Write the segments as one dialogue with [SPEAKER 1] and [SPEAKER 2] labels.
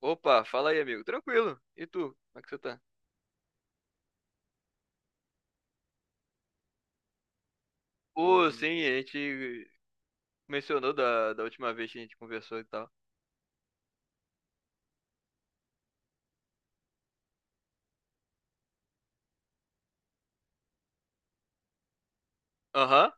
[SPEAKER 1] Opa, fala aí, amigo. Tranquilo. E tu? Como é que você tá? Pô, sim, a gente mencionou da última vez que a gente conversou e tal. Aham.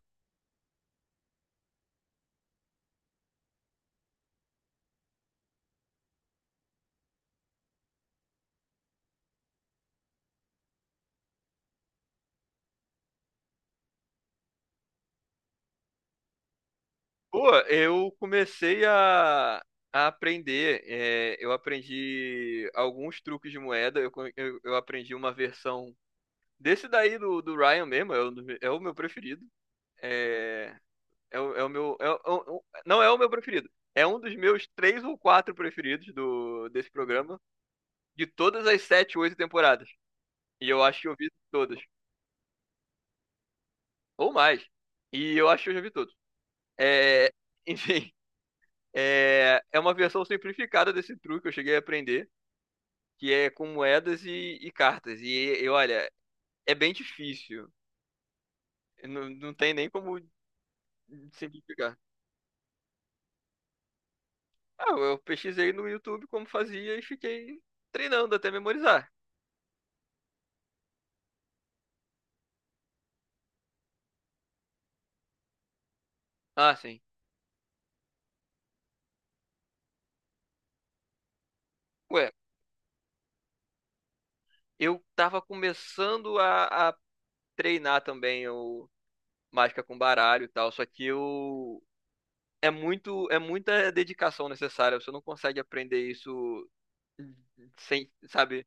[SPEAKER 1] Pô, eu comecei a aprender. Eu aprendi alguns truques de moeda. Eu aprendi uma versão desse daí do, do Ryan mesmo. É o meu preferido. É, é o meu. Não é o meu preferido. É um dos meus três ou quatro preferidos do, desse programa, de todas as sete, oito temporadas. E eu acho que eu vi todos. Ou mais. E eu acho que eu já vi todos. É, enfim, é uma versão simplificada desse truque que eu cheguei a aprender, que é com moedas e cartas. E olha, é bem difícil. Não tem nem como simplificar. Ah, eu pesquisei no YouTube como fazia e fiquei treinando até memorizar. Ah, sim. Ué, eu tava começando a treinar também o mágica com baralho e tal, só que eu é muito, é muita dedicação necessária. Você não consegue aprender isso sem, sabe?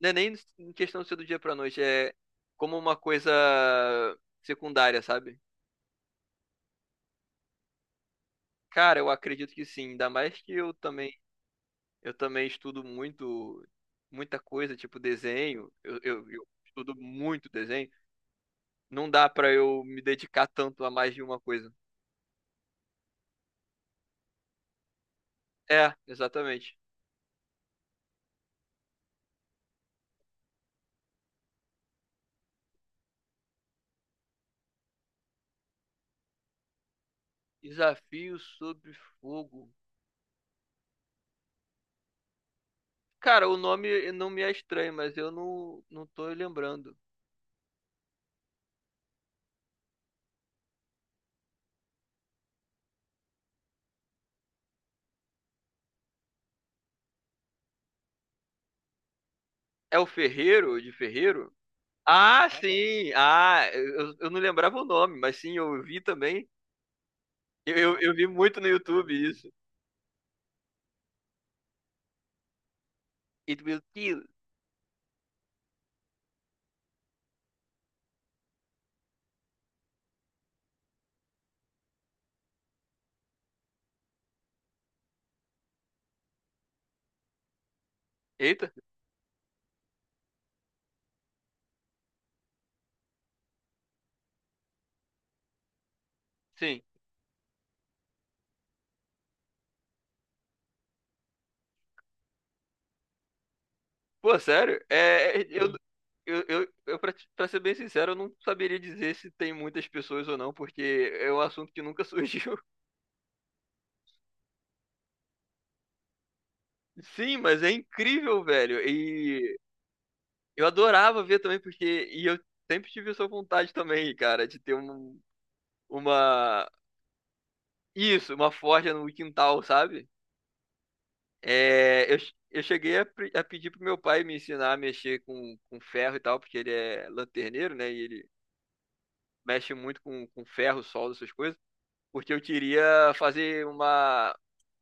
[SPEAKER 1] Não é nem em questão de ser do dia pra noite, é como uma coisa secundária, sabe? Cara, eu acredito que sim, ainda mais que eu também estudo muito, muita coisa, tipo desenho. Eu estudo muito desenho. Não dá pra eu me dedicar tanto a mais de uma coisa. É, exatamente. Desafio sobre fogo. Cara, o nome não me é estranho, mas eu não, não tô lembrando. É o Ferreiro, de Ferreiro? Ah, sim! Ah, eu não lembrava o nome, mas sim, eu vi também. Eu vi muito no YouTube isso. It will kill. Eita, sim. Pô, sério? Eu pra ser bem sincero, eu não saberia dizer se tem muitas pessoas ou não, porque é um assunto que nunca surgiu. Sim, mas é incrível, velho. Eu adorava ver também, porque. E eu sempre tive essa vontade também, cara, de ter um, uma. Isso, uma forja no quintal, sabe? É, eu cheguei a, a pedir pro meu pai me ensinar a mexer com ferro e tal, porque ele é lanterneiro, né? E ele mexe muito com ferro, solda, essas coisas. Porque eu queria fazer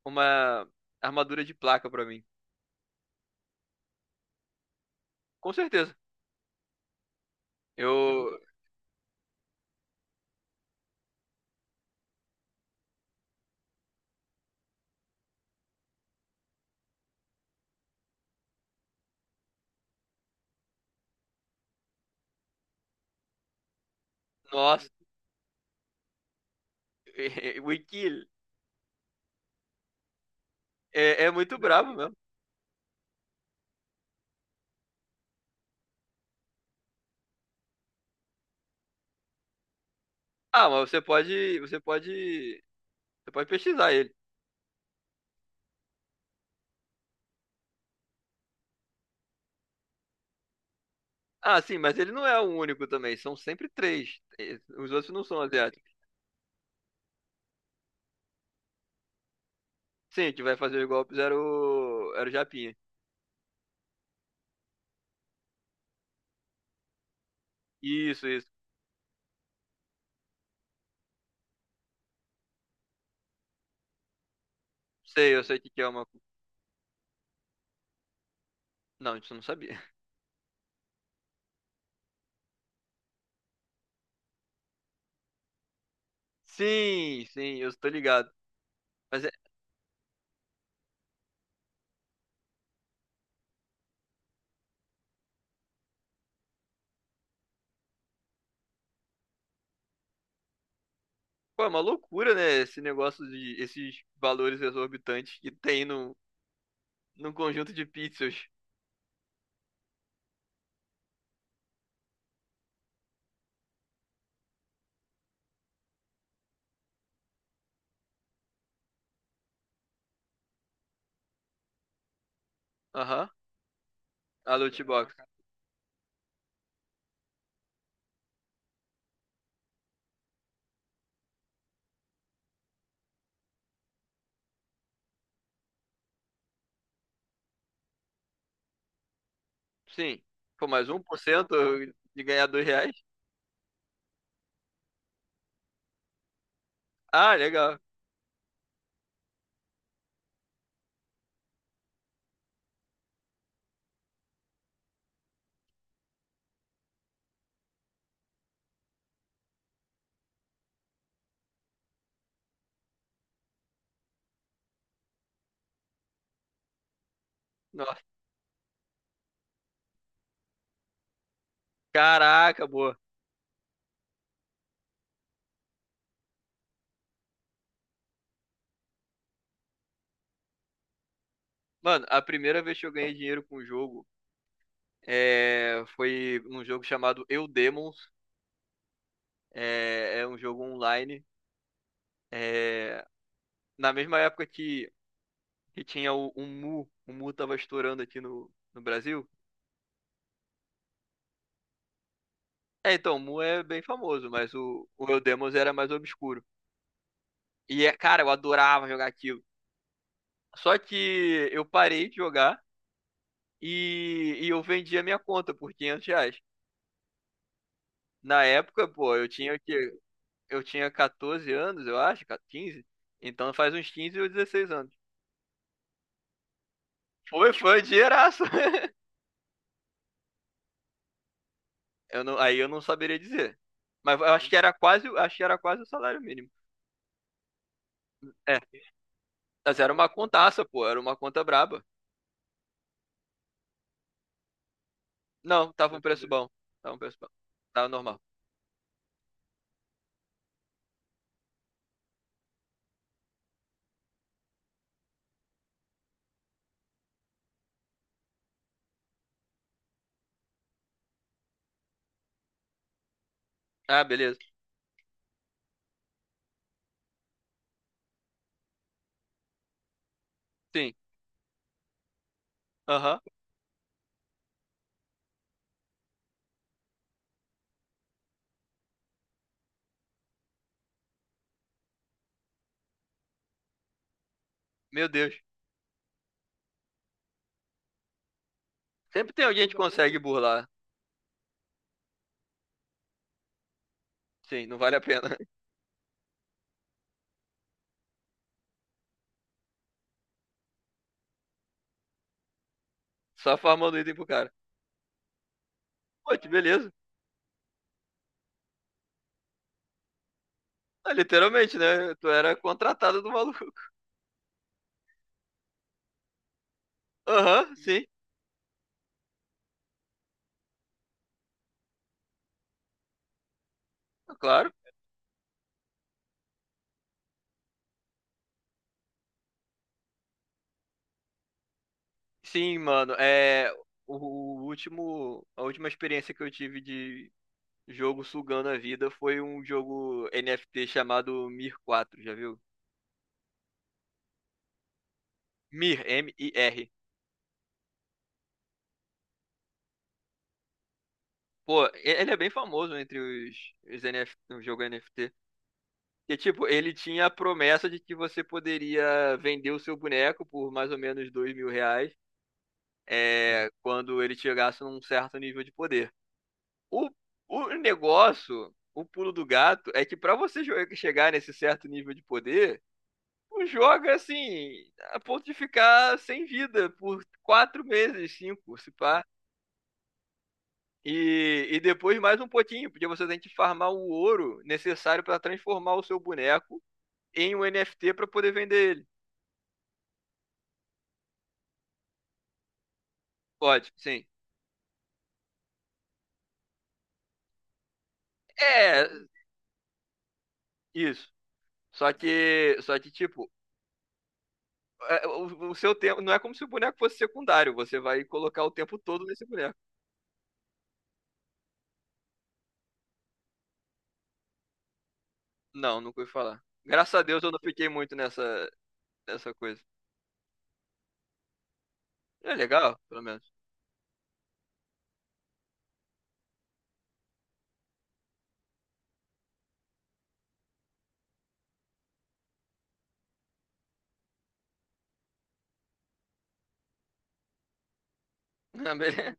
[SPEAKER 1] uma armadura de placa pra mim. Com certeza. Eu. Nossa, o Ikil é, é muito brabo mesmo. Ah, mas você pode, você pode pesquisar ele. Ah, sim, mas ele não é o único também, são sempre três. Eh, os outros não são asiáticos. Sim, que vai fazer os golpes era o, era o Japinha. Isso, isso. Sei, eu sei o que que é uma. Não, isso eu não sabia. Sim, sim, eu tô ligado. Mas é, pô, é uma loucura, né? Esse negócio de esses valores exorbitantes que tem no, num conjunto de pixels. Aham, a loot box. Sim. Pô, mais um por cento de ganhar dois reais? Ah, legal. Caraca, boa. Mano, a primeira vez que eu ganhei dinheiro com o jogo foi num jogo chamado Eu Demons. É, é um jogo online. É, na mesma época que tinha o Mu. O Mu tava estourando aqui no, no Brasil. É, então, o Mu é bem famoso, mas o Eu Demons era mais obscuro. E, é, cara, eu adorava jogar aquilo. Só que eu parei de jogar e eu vendi a minha conta por 500 reais. Na época, pô, eu tinha o quê? Eu tinha 14 anos, eu acho, 15. Então faz uns 15 ou 16 anos. Foi, foi um dinheiraço. Eu não, aí eu não saberia dizer. Mas eu acho que era quase, acho que era quase o salário mínimo. É, mas era uma contaça, pô, era uma conta braba. Não, tava um preço bom. Tava um preço bom. Tava normal. Ah, beleza. Sim. Aham. Meu Deus. Sempre tem alguém que consegue burlar. Sim, não vale a pena. Só farmando item pro cara. Pô, que beleza. Ah, literalmente, né? Tu era contratado do maluco. Aham, sim. Claro. Sim, mano, o último, a última experiência que eu tive de jogo sugando a vida foi um jogo NFT chamado Mir 4, já viu? Mir, M-I-R. Pô, e- ele é bem famoso entre os NFT, o jogo NFT. E tipo, ele tinha a promessa de que você poderia vender o seu boneco por mais ou menos dois mil reais, é, quando ele chegasse num certo nível de poder. O, o negócio, o pulo do gato, é que pra você chegar nesse certo nível de poder, tu joga assim, a ponto de ficar sem vida por quatro meses, cinco, se pá. E depois mais um pouquinho, porque você tem que farmar o ouro necessário pra transformar o seu boneco em um NFT pra poder vender ele. Pode, sim. É, isso. Só que tipo, é, o seu tempo não é como se o boneco fosse secundário, você vai colocar o tempo todo nesse boneco. Não, nunca ouvi falar. Graças a Deus eu não fiquei muito nessa, nessa coisa. É legal, pelo menos. Ah, beleza.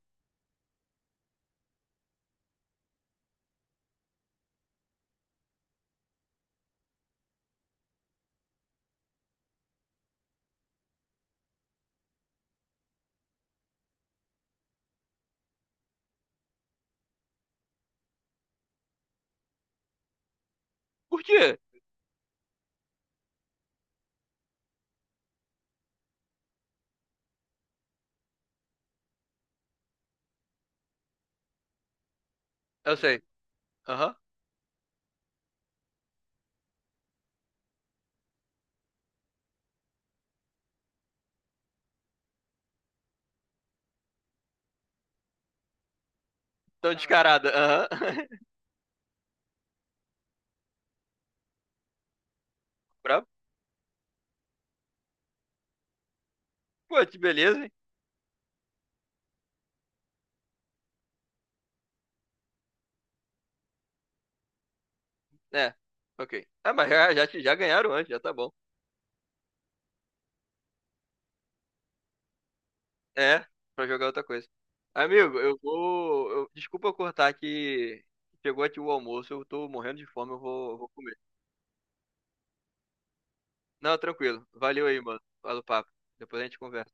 [SPEAKER 1] Por quê? Eu sei. Aham. Tão descarada. Aham. Bravo. Pô, que beleza, hein? É. Ok. Ah, mas já, já, já ganharam antes, já tá bom. É, pra jogar outra coisa. Amigo, eu vou. Desculpa eu cortar que chegou aqui o almoço, eu tô morrendo de fome, eu vou comer. Não, tranquilo. Valeu aí, mano. Fala o papo. Depois a gente conversa.